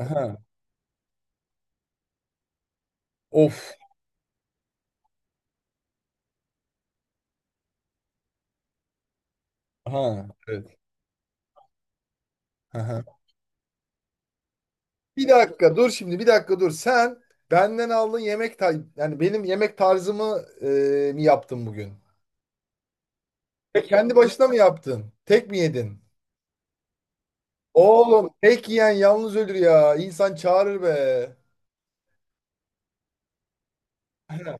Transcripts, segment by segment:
Aha. Of. Ha Evet. Aha. Bir dakika dur şimdi bir dakika dur. Sen benden aldığın yemek tar yani benim yemek tarzımı mi yaptın bugün? Ve kendi başına mı yaptın? Tek mi yedin? Oğlum tek yiyen yalnız ölür ya. İnsan çağırır be. Aha.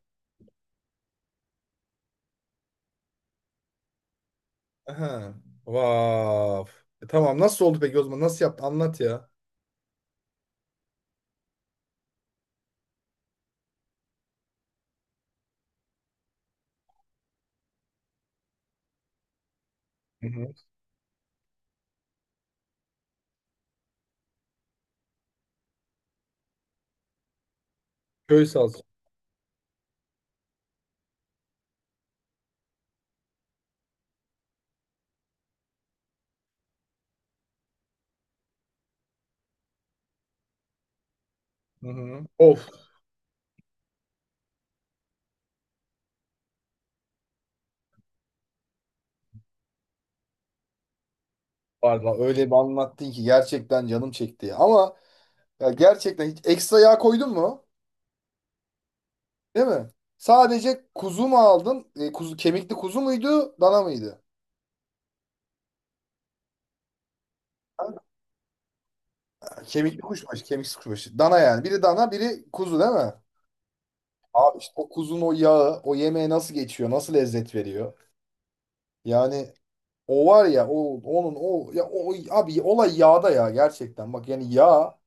Aha. Vav. Tamam nasıl oldu peki o zaman? Nasıl yaptın? Anlat ya. Hı hı. Köy salça. Hı hı. Of. Valla öyle bir anlattın ki gerçekten canım çekti ya. Ama ya gerçekten hiç ekstra yağ koydun mu? Değil mi? Sadece kuzu mu aldın? Kuzu, kemikli kuzu muydu? Dana mıydı? Ha. Kemikli kuşbaşı, kemiksiz kuşbaşı. Dana yani. Biri dana, biri kuzu değil mi? Abi işte o kuzun o yağı, o yemeğe nasıl geçiyor, nasıl lezzet veriyor? Yani o var ya, o onun o ya o abi olay yağda ya gerçekten. Bak yani yağ,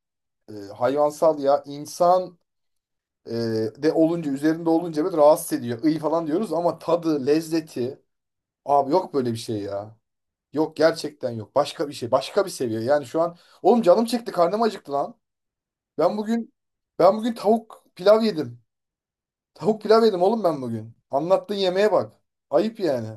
hayvansal yağ, insan Ee, de olunca üzerinde olunca böyle rahatsız ediyor. İyi falan diyoruz ama tadı, lezzeti abi yok böyle bir şey ya. Yok gerçekten yok. Başka bir şey. Başka bir seviye. Yani şu an oğlum canım çekti, karnım acıktı lan. Ben bugün ben bugün tavuk pilav yedim. Tavuk pilav yedim oğlum ben bugün. Anlattığın yemeğe bak. Ayıp yani.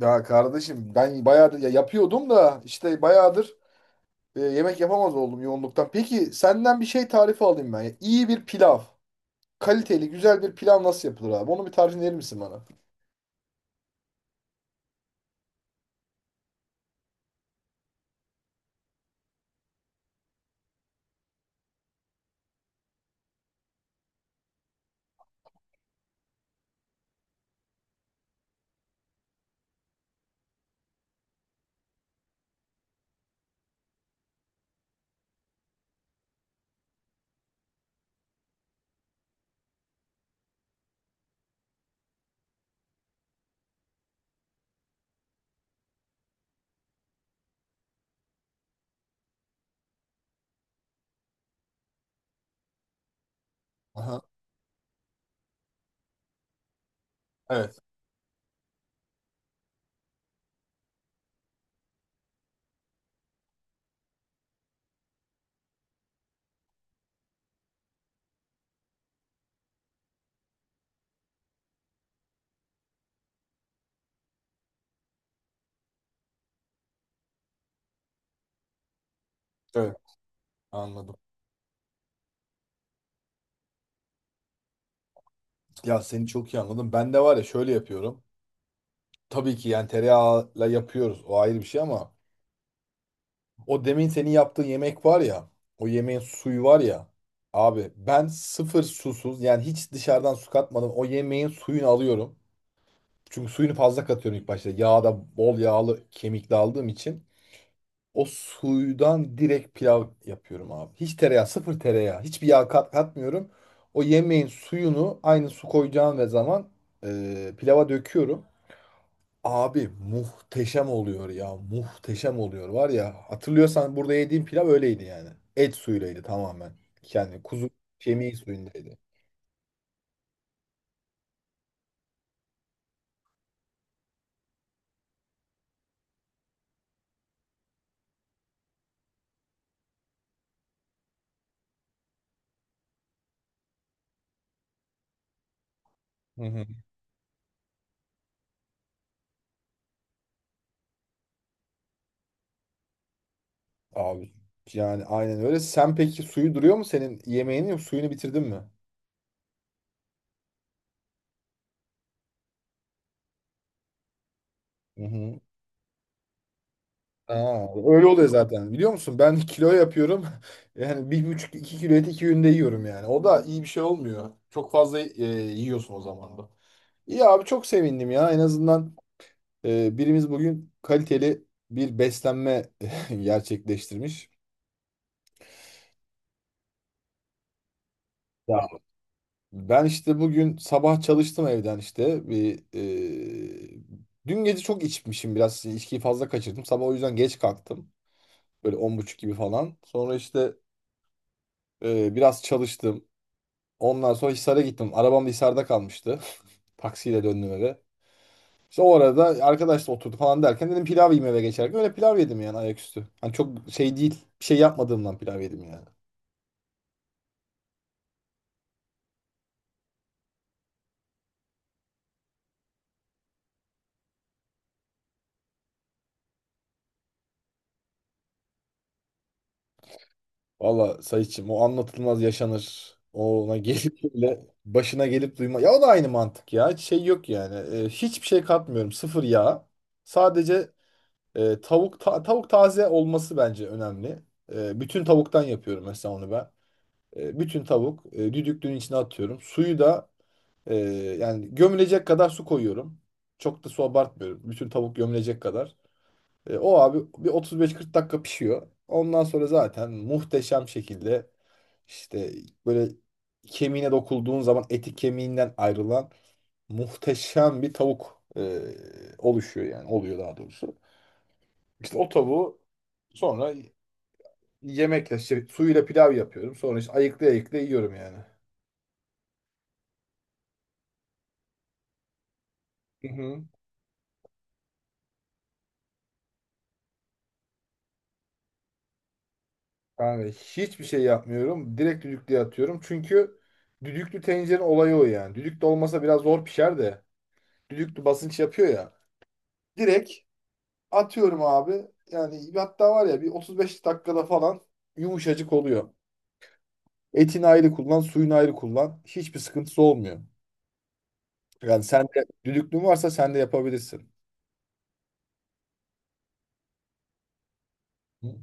Ya kardeşim ben bayağıdır ya yapıyordum da işte bayağıdır yemek yapamaz oldum yoğunluktan. Peki senden bir şey tarifi alayım ben. İyi bir pilav. Kaliteli güzel bir pilav nasıl yapılır abi? Onu bir tarif verir misin bana? Aha, evet, evet, anladım. Ya seni çok iyi anladım. Ben de var ya şöyle yapıyorum. Tabii ki yani tereyağıyla yapıyoruz. O ayrı bir şey ama o demin senin yaptığın yemek var ya, o yemeğin suyu var ya. Abi ben sıfır susuz yani hiç dışarıdan su katmadan o yemeğin suyunu alıyorum. Çünkü suyunu fazla katıyorum ilk başta. Yağda bol yağlı kemikli aldığım için. O suydan direkt pilav yapıyorum abi. Hiç tereyağı, sıfır tereyağı. Hiçbir yağ katmıyorum. O yemeğin suyunu aynı su koyacağım ve zaman pilava döküyorum. Abi muhteşem oluyor ya. Muhteşem oluyor var ya. Hatırlıyorsan burada yediğim pilav öyleydi yani. Et suyuylaydı tamamen. Yani kuzu kemiği suyundaydı. Hı hı. Abi yani aynen öyle. Sen peki suyu duruyor mu senin yemeğinin, yok suyunu bitirdin mi? Hı hı. Aa, öyle oluyor zaten. Biliyor musun? Ben kilo yapıyorum. Yani bir buçuk 2 kilo et 2 günde yiyorum yani. O da iyi bir şey olmuyor. Çok fazla yiyorsun o zaman da. İyi abi çok sevindim ya. En azından birimiz bugün kaliteli bir beslenme gerçekleştirmiş. Ya ben işte bugün sabah çalıştım evden işte. Dün gece çok içmişim biraz. İçkiyi fazla kaçırdım. Sabah o yüzden geç kalktım. Böyle 10.30 gibi falan. Sonra işte biraz çalıştım. Ondan sonra Hisar'a gittim. Arabam da Hisar'da kalmıştı. Taksiyle döndüm eve. İşte o arada arkadaşla oturdu falan derken dedim pilav yiyeyim eve geçerken. Öyle pilav yedim yani ayaküstü. Hani çok şey değil. Bir şey yapmadığımdan pilav yedim yani. Valla Sayıç'ım o anlatılmaz yaşanır. Ona gelip böyle başına gelip duyma. Ya o da aynı mantık ya. Hiç şey yok yani. Hiçbir şey katmıyorum. Sıfır yağ. Sadece tavuk taze olması bence önemli. Bütün tavuktan yapıyorum mesela onu ben. Bütün tavuk düdüklüğün içine atıyorum. Suyu da e, yani gömülecek kadar su koyuyorum. Çok da su abartmıyorum. Bütün tavuk gömülecek kadar. O abi bir 35-40 dakika pişiyor. Ondan sonra zaten muhteşem şekilde işte böyle kemiğine dokulduğun zaman eti kemiğinden ayrılan muhteşem bir tavuk oluşuyor yani oluyor daha doğrusu. İşte o tavuğu sonra yemekle işte suyuyla pilav yapıyorum. Sonra işte ayıklı ayıklı yiyorum yani. Hı hı. Yani hiçbir şey yapmıyorum. Direkt düdüklüye atıyorum. Çünkü düdüklü tencerenin olayı o yani. Düdüklü olmasa biraz zor pişer de. Düdüklü basınç yapıyor ya. Direkt atıyorum abi. Yani hatta var ya bir 35 dakikada falan yumuşacık oluyor. Etini ayrı kullan, suyunu ayrı kullan. Hiçbir sıkıntısı olmuyor. Yani sen de düdüklün varsa sen de yapabilirsin. Hı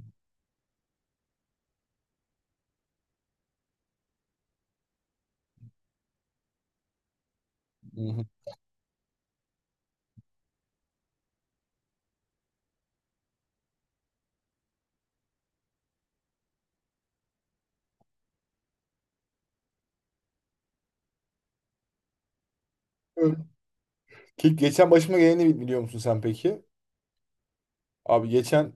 hı. Ki geçen başıma geleni biliyor musun sen peki? Abi geçen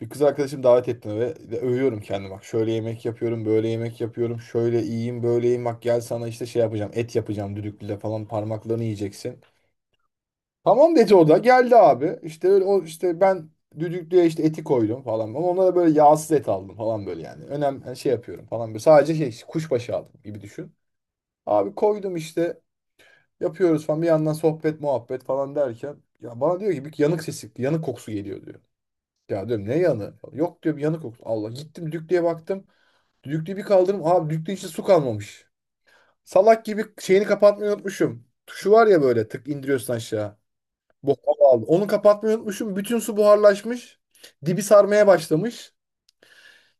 bir kız arkadaşım davet etti ve de övüyorum kendimi. Bak şöyle yemek yapıyorum, böyle yemek yapıyorum. Şöyle iyiyim, böyleyim. Bak gel sana işte şey yapacağım. Et yapacağım düdüklüyle falan, parmaklarını yiyeceksin. Tamam dedi o da. Geldi abi. İşte öyle o işte ben düdüklüye işte eti koydum falan. Ama onlara böyle yağsız et aldım falan böyle yani. Önemli yani şey yapıyorum falan. Böyle. Sadece şey kuşbaşı aldım gibi düşün. Abi koydum işte yapıyoruz falan. Bir yandan sohbet muhabbet falan derken, ya bana diyor ki bir yanık sesi, yanık kokusu geliyor diyor. Ya diyorum ne yanı? Yok diyor bir yanı koktu. Allah gittim düklüğe baktım. Düklüğü bir kaldırdım. Abi düklüğün içinde su kalmamış. Salak gibi şeyini kapatmayı unutmuşum. Tuşu var ya böyle tık indiriyorsun aşağı. Bok hava aldı. Onu kapatmayı unutmuşum. Bütün su buharlaşmış. Dibi sarmaya başlamış.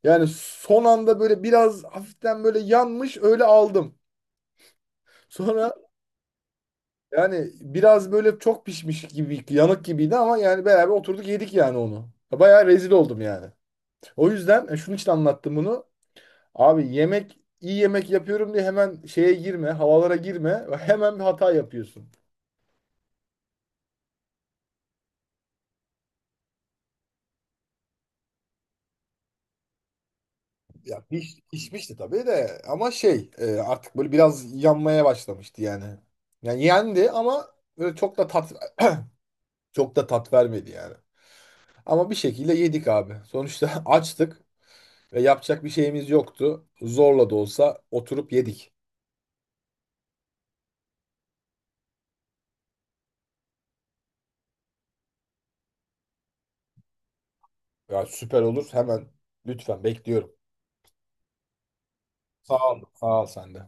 Yani son anda böyle biraz hafiften böyle yanmış öyle aldım. Sonra yani biraz böyle çok pişmiş gibi yanık gibiydi ama yani beraber oturduk yedik yani onu. Bayağı rezil oldum yani. O yüzden şunun için anlattım bunu. Abi yemek iyi yemek yapıyorum diye hemen şeye girme, havalara girme. Hemen bir hata yapıyorsun. Ya pişmişti tabii de ama şey artık böyle biraz yanmaya başlamıştı yani. Yani yendi ama böyle çok da tat vermedi yani. Ama bir şekilde yedik abi. Sonuçta açtık ve yapacak bir şeyimiz yoktu. Zorla da olsa oturup yedik. Ya süper olur, hemen lütfen bekliyorum. Sağ ol. Sağ ol sen de.